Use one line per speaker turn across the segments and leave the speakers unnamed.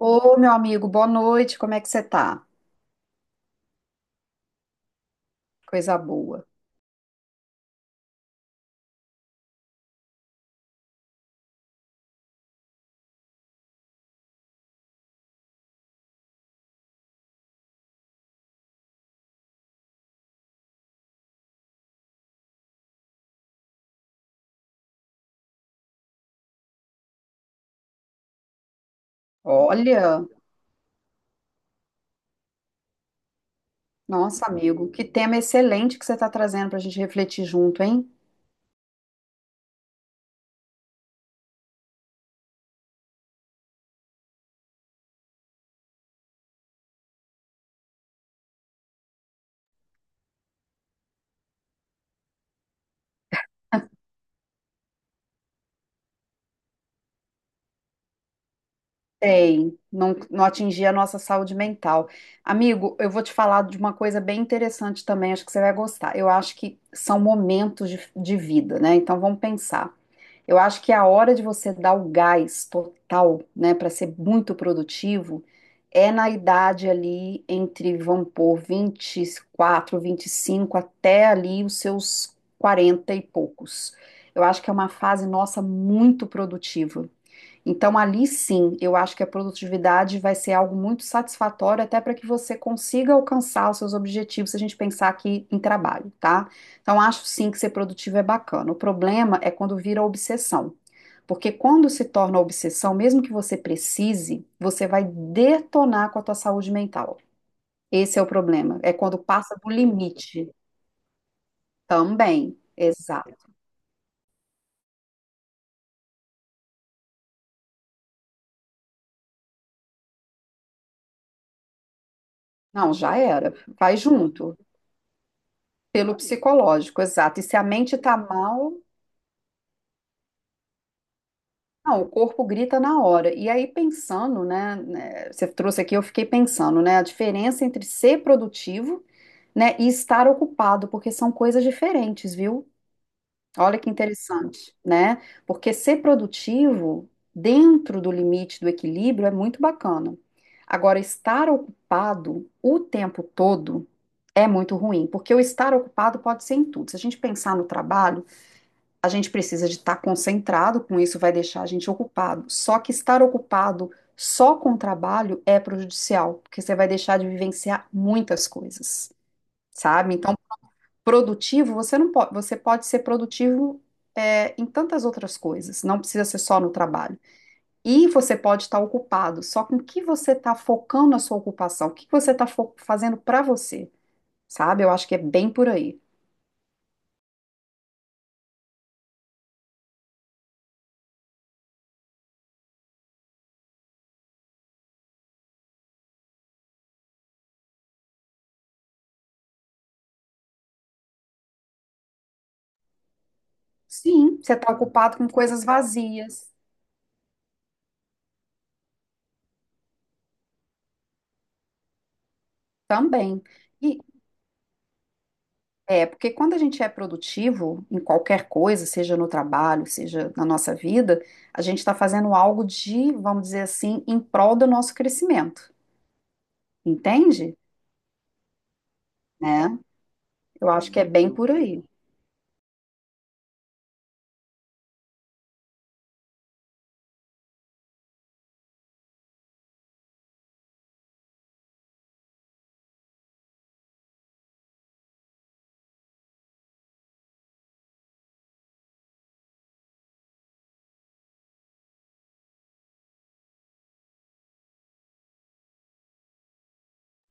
Ô, meu amigo, boa noite, como é que você tá? Coisa boa. Olha, nossa, amigo, que tema excelente que você está trazendo para a gente refletir junto, hein? Tem, não, não atingir a nossa saúde mental. Amigo, eu vou te falar de uma coisa bem interessante também, acho que você vai gostar. Eu acho que são momentos de vida, né? Então vamos pensar. Eu acho que a hora de você dar o gás total, né, para ser muito produtivo, é na idade ali entre, vamos pôr, 24, 25 até ali os seus 40 e poucos. Eu acho que é uma fase nossa muito produtiva. Então, ali sim, eu acho que a produtividade vai ser algo muito satisfatório até para que você consiga alcançar os seus objetivos, se a gente pensar aqui em trabalho, tá? Então, acho sim que ser produtivo é bacana. O problema é quando vira obsessão. Porque quando se torna obsessão, mesmo que você precise, você vai detonar com a tua saúde mental. Esse é o problema. É quando passa do limite também. Exato. Não, já era. Vai junto. Pelo psicológico, exato. E se a mente tá mal, não, o corpo grita na hora. E aí, pensando, né, você trouxe aqui, eu fiquei pensando, né, a diferença entre ser produtivo, né, e estar ocupado, porque são coisas diferentes, viu? Olha que interessante, né? Porque ser produtivo, dentro do limite do equilíbrio, é muito bacana. Agora, estar ocupado o tempo todo é muito ruim, porque o estar ocupado pode ser em tudo. Se a gente pensar no trabalho, a gente precisa de estar concentrado com isso, vai deixar a gente ocupado. Só que estar ocupado só com o trabalho é prejudicial, porque você vai deixar de vivenciar muitas coisas, sabe? Então, produtivo, você não pode, você pode ser produtivo é, em tantas outras coisas, não precisa ser só no trabalho. E você pode estar ocupado, só com o que você está focando a sua ocupação, o que que você está fazendo para você, sabe? Eu acho que é bem por aí. Sim, você está ocupado com coisas vazias também. E, é, porque quando a gente é produtivo em qualquer coisa, seja no trabalho, seja na nossa vida, a gente está fazendo algo de, vamos dizer assim, em prol do nosso crescimento, entende? Né? Eu acho que é bem por aí.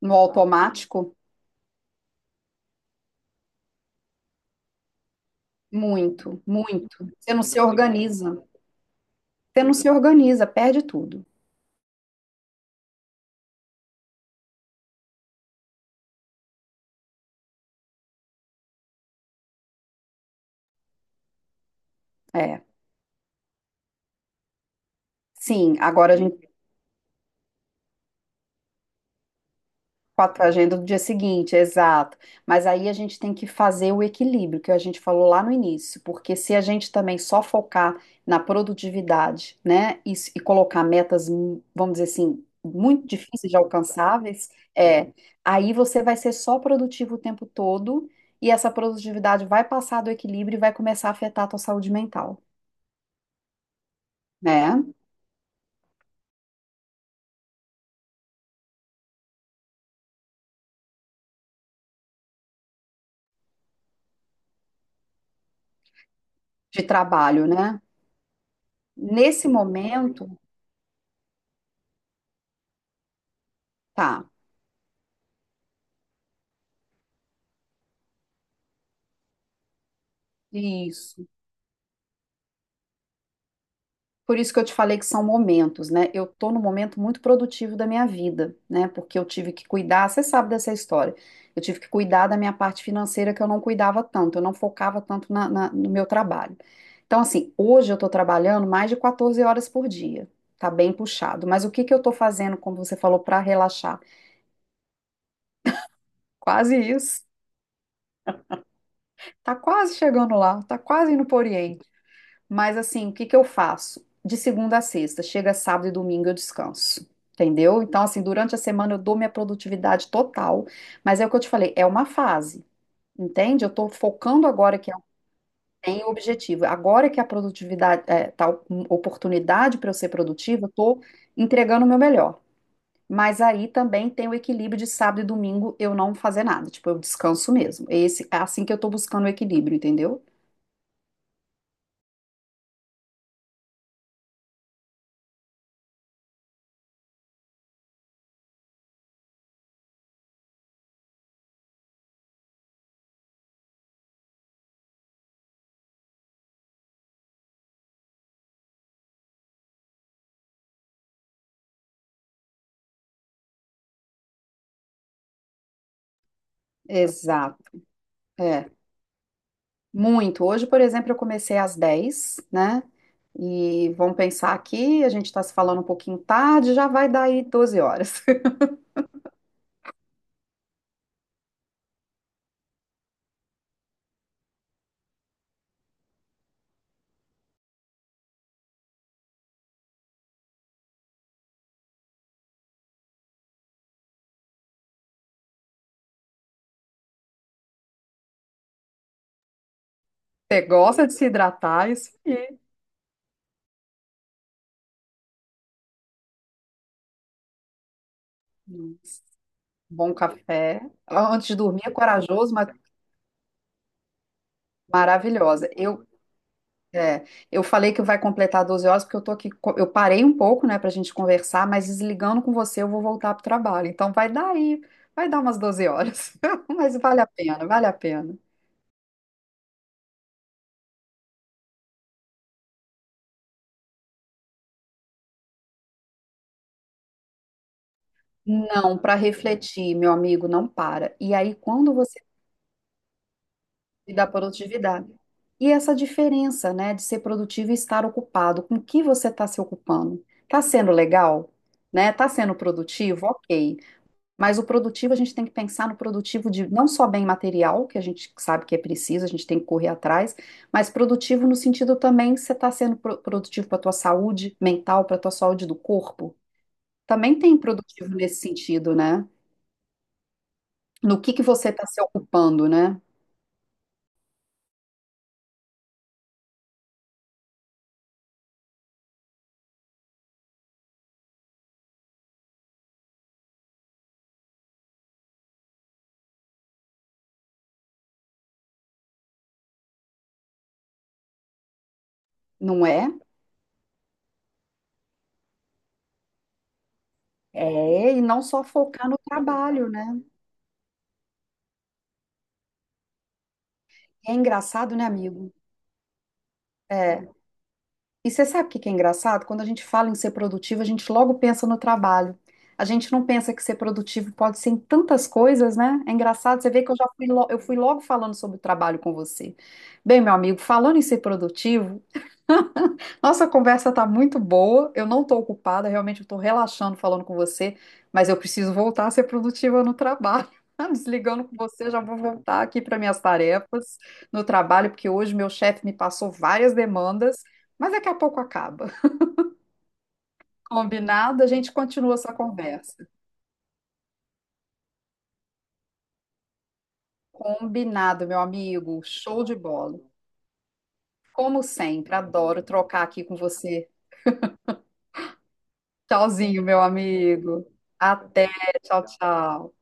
No automático, muito, muito. Você não se organiza, você não se organiza, perde tudo. É. Sim, agora a gente quatro agendas do dia seguinte, exato. Mas aí a gente tem que fazer o equilíbrio que a gente falou lá no início, porque se a gente também só focar na produtividade, né, e, e colocar metas, vamos dizer assim, muito difíceis de alcançáveis, é, aí você vai ser só produtivo o tempo todo e essa produtividade vai passar do equilíbrio e vai começar a afetar a tua saúde mental, né, de trabalho, né? Nesse momento, tá. Isso. Por isso que eu te falei que são momentos, né? Eu tô num momento muito produtivo da minha vida, né? Porque eu tive que cuidar, você sabe dessa história. Eu tive que cuidar da minha parte financeira que eu não cuidava tanto, eu não focava tanto no meu trabalho. Então, assim, hoje eu tô trabalhando mais de 14 horas por dia. Tá bem puxado. Mas o que que eu tô fazendo, como você falou, para relaxar? Quase isso. Tá quase chegando lá, tá quase indo pro Oriente. Mas assim, o que que eu faço? De segunda a sexta, chega sábado e domingo eu descanso. Entendeu? Então, assim, durante a semana eu dou minha produtividade total, mas é o que eu te falei, é uma fase, entende? Eu tô focando agora que eu tenho objetivo. Agora que a produtividade, é, tá oportunidade para eu ser produtiva, eu tô entregando o meu melhor. Mas aí também tem o equilíbrio de sábado e domingo eu não fazer nada, tipo, eu descanso mesmo. Esse, é assim que eu tô buscando o equilíbrio, entendeu? Exato. É. Muito. Hoje, por exemplo, eu comecei às 10, né? E vamos pensar aqui, a gente está se falando um pouquinho tarde, já vai dar aí 12h. Você gosta de se hidratar, é isso aí. Nossa, bom café. Antes de dormir, é corajoso, mas maravilhosa. Eu, é, eu falei que vai completar 12h, porque eu tô aqui, eu parei um pouco, né, pra gente conversar, mas desligando com você, eu vou voltar pro trabalho. Então vai dar aí, vai dar umas 12h. Mas vale a pena, vale a pena. Não, para refletir, meu amigo, não para. E aí, quando você dá produtividade, e essa diferença, né, de ser produtivo e estar ocupado, com o que você está se ocupando? Está sendo legal? Né? Está sendo produtivo? Ok. Mas o produtivo, a gente tem que pensar no produtivo de não só bem material, que a gente sabe que é preciso, a gente tem que correr atrás, mas produtivo no sentido também que você está sendo produtivo para a tua saúde mental, para a tua saúde do corpo. Também tem produtivo nesse sentido, né? No que você está se ocupando, né? Não é? É, e não só focar no trabalho, né? É engraçado, né, amigo? É. E você sabe o que que é engraçado? Quando a gente fala em ser produtivo, a gente logo pensa no trabalho. A gente não pensa que ser produtivo pode ser em tantas coisas, né? É engraçado, você vê que eu já fui, eu fui logo falando sobre o trabalho com você. Bem, meu amigo, falando em ser produtivo, nossa, a conversa tá muito boa. Eu não tô ocupada, realmente eu tô relaxando falando com você, mas eu preciso voltar a ser produtiva no trabalho. Desligando com você, já vou voltar aqui para minhas tarefas no trabalho, porque hoje meu chefe me passou várias demandas, mas daqui a pouco acaba. Combinado? A gente continua essa conversa. Combinado, meu amigo. Show de bola. Como sempre, adoro trocar aqui com você. Tchauzinho, meu amigo. Até, tchau, tchau.